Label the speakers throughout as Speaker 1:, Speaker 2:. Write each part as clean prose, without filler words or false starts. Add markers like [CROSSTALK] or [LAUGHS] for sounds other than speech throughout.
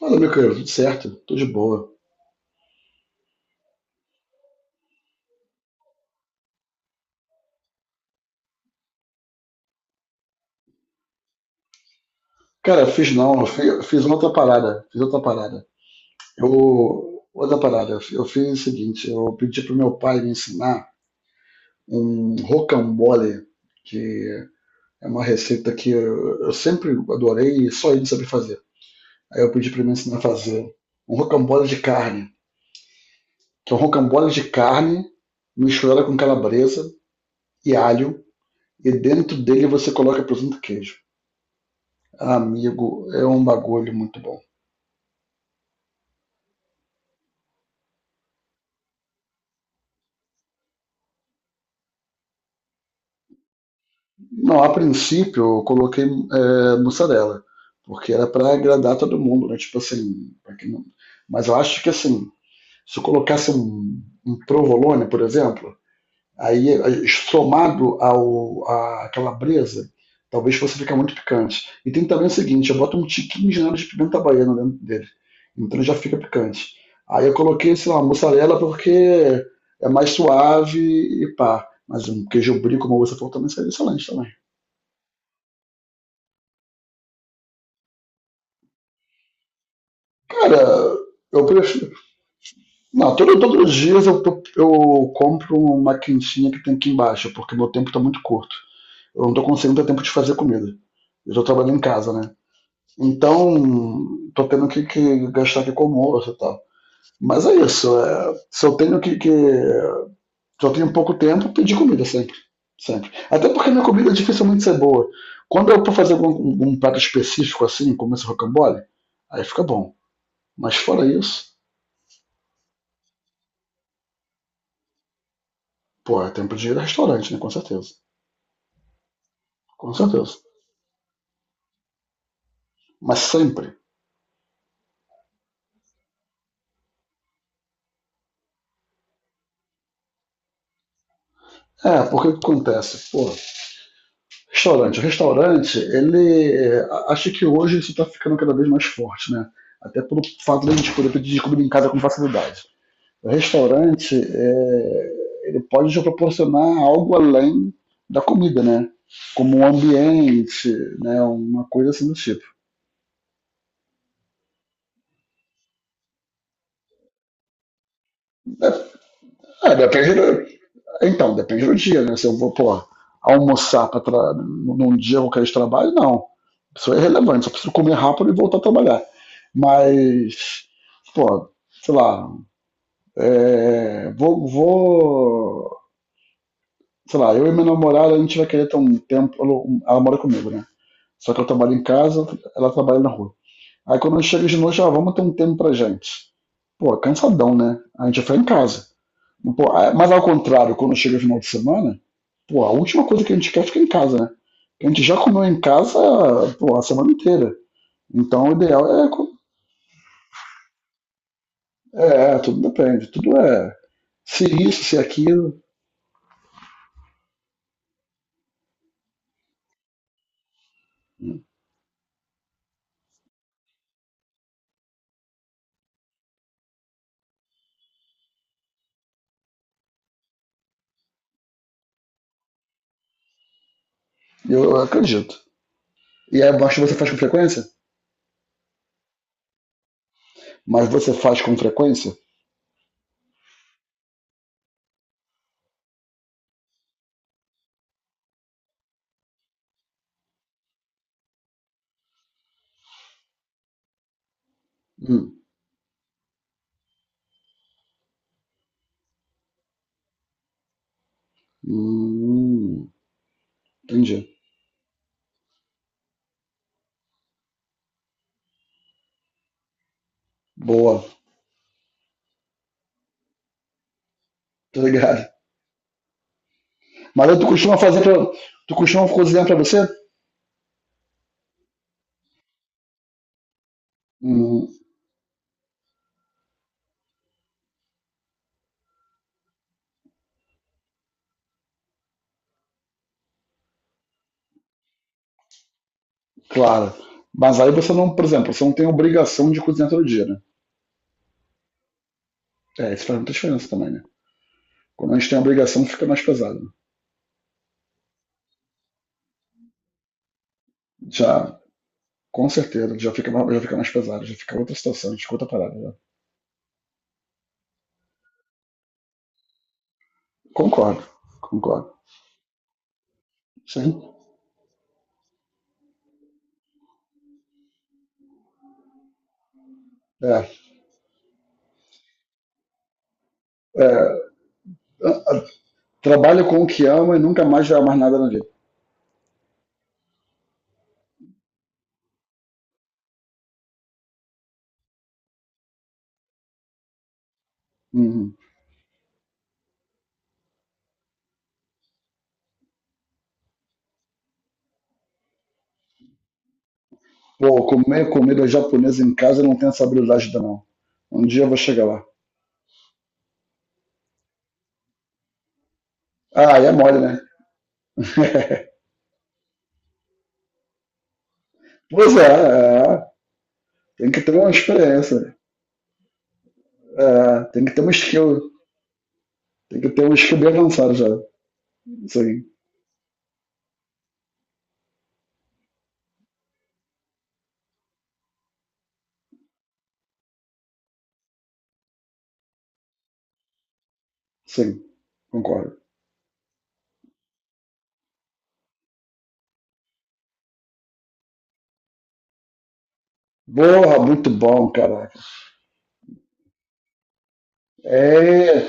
Speaker 1: Olha, meu querido, tudo certo, tô de boa. Cara, fiz não, fiz outra parada, fiz outra parada. Eu, outra parada, eu fiz o seguinte, eu pedi pro meu pai me ensinar um rocambole, que é uma receita que eu sempre adorei e só ele sabe fazer. Aí eu pedi pra ele me ensinar a fazer um rocambole de carne, que é um rocambole de carne misturada com calabresa e alho, e dentro dele você coloca presunto e queijo. Amigo, é um bagulho muito bom. Não, a princípio eu coloquei mussarela, porque era para agradar todo mundo, né? Tipo assim, pra que não- mas eu acho que assim, se eu colocasse um provolone, por exemplo, aí, somado ao à calabresa, talvez fosse ficar muito picante. E tem também o seguinte, eu boto um tiquinho de nada de pimenta baiana dentro dele, então já fica picante. Aí eu coloquei, sei lá, mussarela porque é mais suave e pá. Mas um queijo brie, como você falou, também seria excelente também. Cara, eu prefiro. Não, todos os dias eu compro uma quentinha que tem aqui embaixo, porque meu tempo tá muito curto. Eu não tô conseguindo ter tempo de fazer comida. Eu tô trabalhando em casa, né? Então, tô tendo que gastar aqui com almoço e tal. Mas é isso. É, se eu tenho que, que. Se eu tenho pouco tempo, pedir comida sempre. Sempre. Até porque minha comida é dificilmente ser boa. Quando eu tô fazendo um prato específico assim, como esse rocambole, aí fica bom. Mas fora isso. Pô, é tempo de ir a restaurante, né? Com certeza. Com certeza. Mas sempre. É, porque o que acontece? Pô, restaurante. O restaurante, acho que hoje isso tá ficando cada vez mais forte, né? Até pelo fato da gente poder pedir comida em casa com facilidade. O restaurante, ele pode te proporcionar algo além da comida, né? Como um ambiente, né? Uma coisa assim do tipo. É, É, depende do... Então, depende do dia, né? Se eu vou, pô, almoçar pra tra... num dia qualquer de trabalho, não. Isso é irrelevante, só preciso comer rápido e voltar a trabalhar. Mas, pô, sei lá, é, vou, vou, sei lá, eu e minha namorada, a gente vai querer ter um tempo, ela mora comigo, né? Só que eu trabalho em casa, ela trabalha na rua. Aí quando eu chego de noite, ah, vamos ter um tempo pra gente. Pô, cansadão, né? A gente já foi em casa. Pô, ah, mas ao contrário, quando chega o final de semana, pô, a última coisa que a gente quer é ficar em casa, né? A gente já comeu em casa, pô, a semana inteira. Então o ideal é, co- é, é, Tudo depende, tudo é se isso, se aquilo, eu acredito. E é baixo você faz com frequência? Mas você faz com frequência? Hum, hum, entendi. Boa, tô ligado. Mas aí tu costuma fazer pra, tu costuma cozinhar pra você? Hum, claro. Mas aí você não, por exemplo, você não tem obrigação de cozinhar todo dia, né? É, isso faz muita diferença também, né? Quando a gente tem a obrigação, fica mais pesado. Já, com certeza, já fica mais pesado, já fica outra situação, a gente fica outra parada. Já. Concordo, concordo. Sim. É, é, trabalha com o que ama e nunca mais vai amar nada na vida. Uhum. Pô, comer comida japonesa em casa eu não tenho essa habilidade ainda não. Um dia eu vou chegar lá. Ah, e é mole, né? [LAUGHS] Pois é, é, tem que ter uma experiência. É, tem que ter um skill. Tem que ter um skill bem avançado já. Sim, sim, concordo. Porra, muito bom, caraca. É.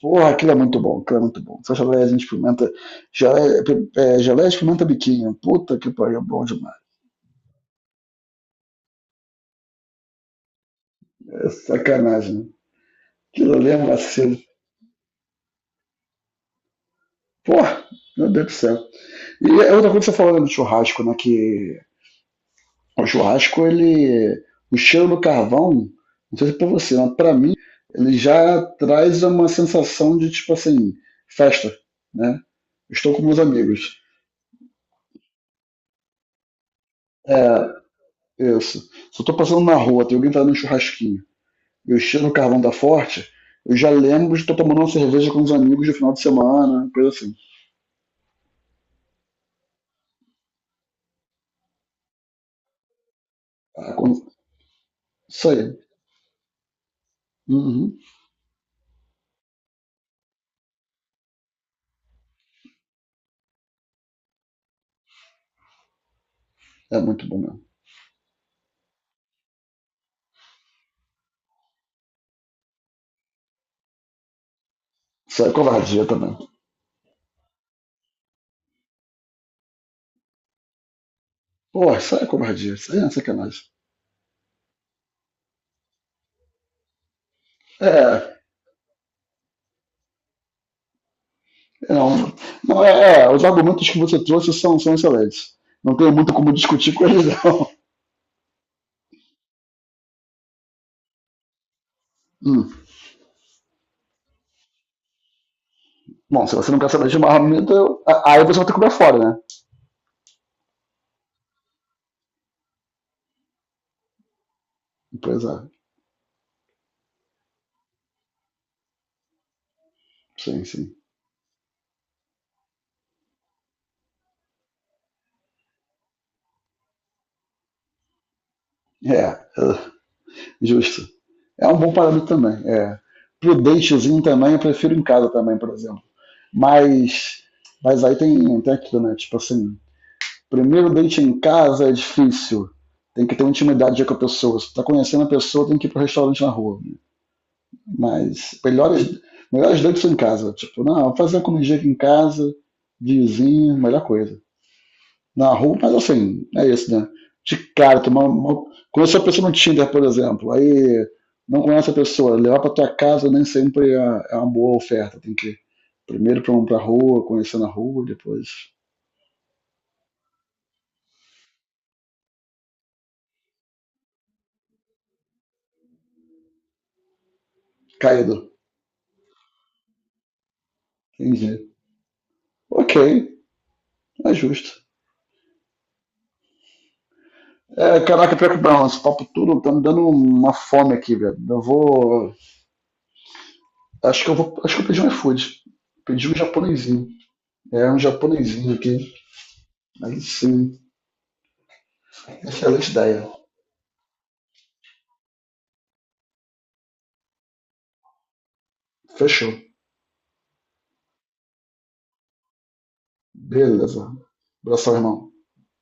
Speaker 1: Porra, aquilo é muito bom, aquilo é muito bom. Essa geleiazinha de pimenta. Geleia, é, geleia de pimenta biquinho. Puta que pariu, é bom demais. É sacanagem. Aquilo ali é um vacilo. Porra, meu Deus do céu. E é outra coisa que você falou né, do churrasco, né? Que o churrasco, ele. O cheiro do carvão, não sei se é pra você, mas pra mim, ele já traz uma sensação de, tipo assim, festa, né? Estou com meus amigos. É, isso. Se eu tô passando na rua, tem alguém tá no churrasquinho, e o cheiro do carvão tá forte, eu já lembro de estar tomando uma cerveja com os amigos no final de semana, coisa assim. Ah, quando- isso aí. Uhum. É muito bom mesmo. Isso aí é covardia também. Pô, isso aí é covardia, isso aí é sacanagem. É, não, não é, é, os argumentos que você trouxe são, são excelentes. Não tenho muito como discutir com eles, não. [LAUGHS] Hum. Bom, se você não quer saber de marmita, aí você vai ter que comer fora, né? Pois é, sim, sim. É, justo. É um bom parâmetro também. É. Prudentezinho também, eu prefiro em casa também, por exemplo. Mas, mas aí tem aquilo, né? Tipo assim, primeiro date em casa é difícil. Tem que ter intimidade com a pessoa. Se tá conhecendo a pessoa, tem que ir pro restaurante na rua. Mas melhores, melhores dates são em casa. Tipo, não, vou fazer uma comidinha aqui em casa, vizinho, melhor coisa na rua, mas assim, é isso, né? De cara, tomar uma... conhecer a pessoa no Tinder, por exemplo, aí não conhece a pessoa, levar para tua casa nem sempre é uma boa oferta, tem que ir primeiro para pra rua, conhecer na rua, depois caído, entendi. Ok, é justo. É, caraca, pior que não, esse papo tudo tá me dando uma fome aqui, velho. Acho que eu pedi um iFood, pedi um japonesinho, é um japonesinho aqui, aí sim, excelente ideia, fechou. Beleza. Abração, irmão.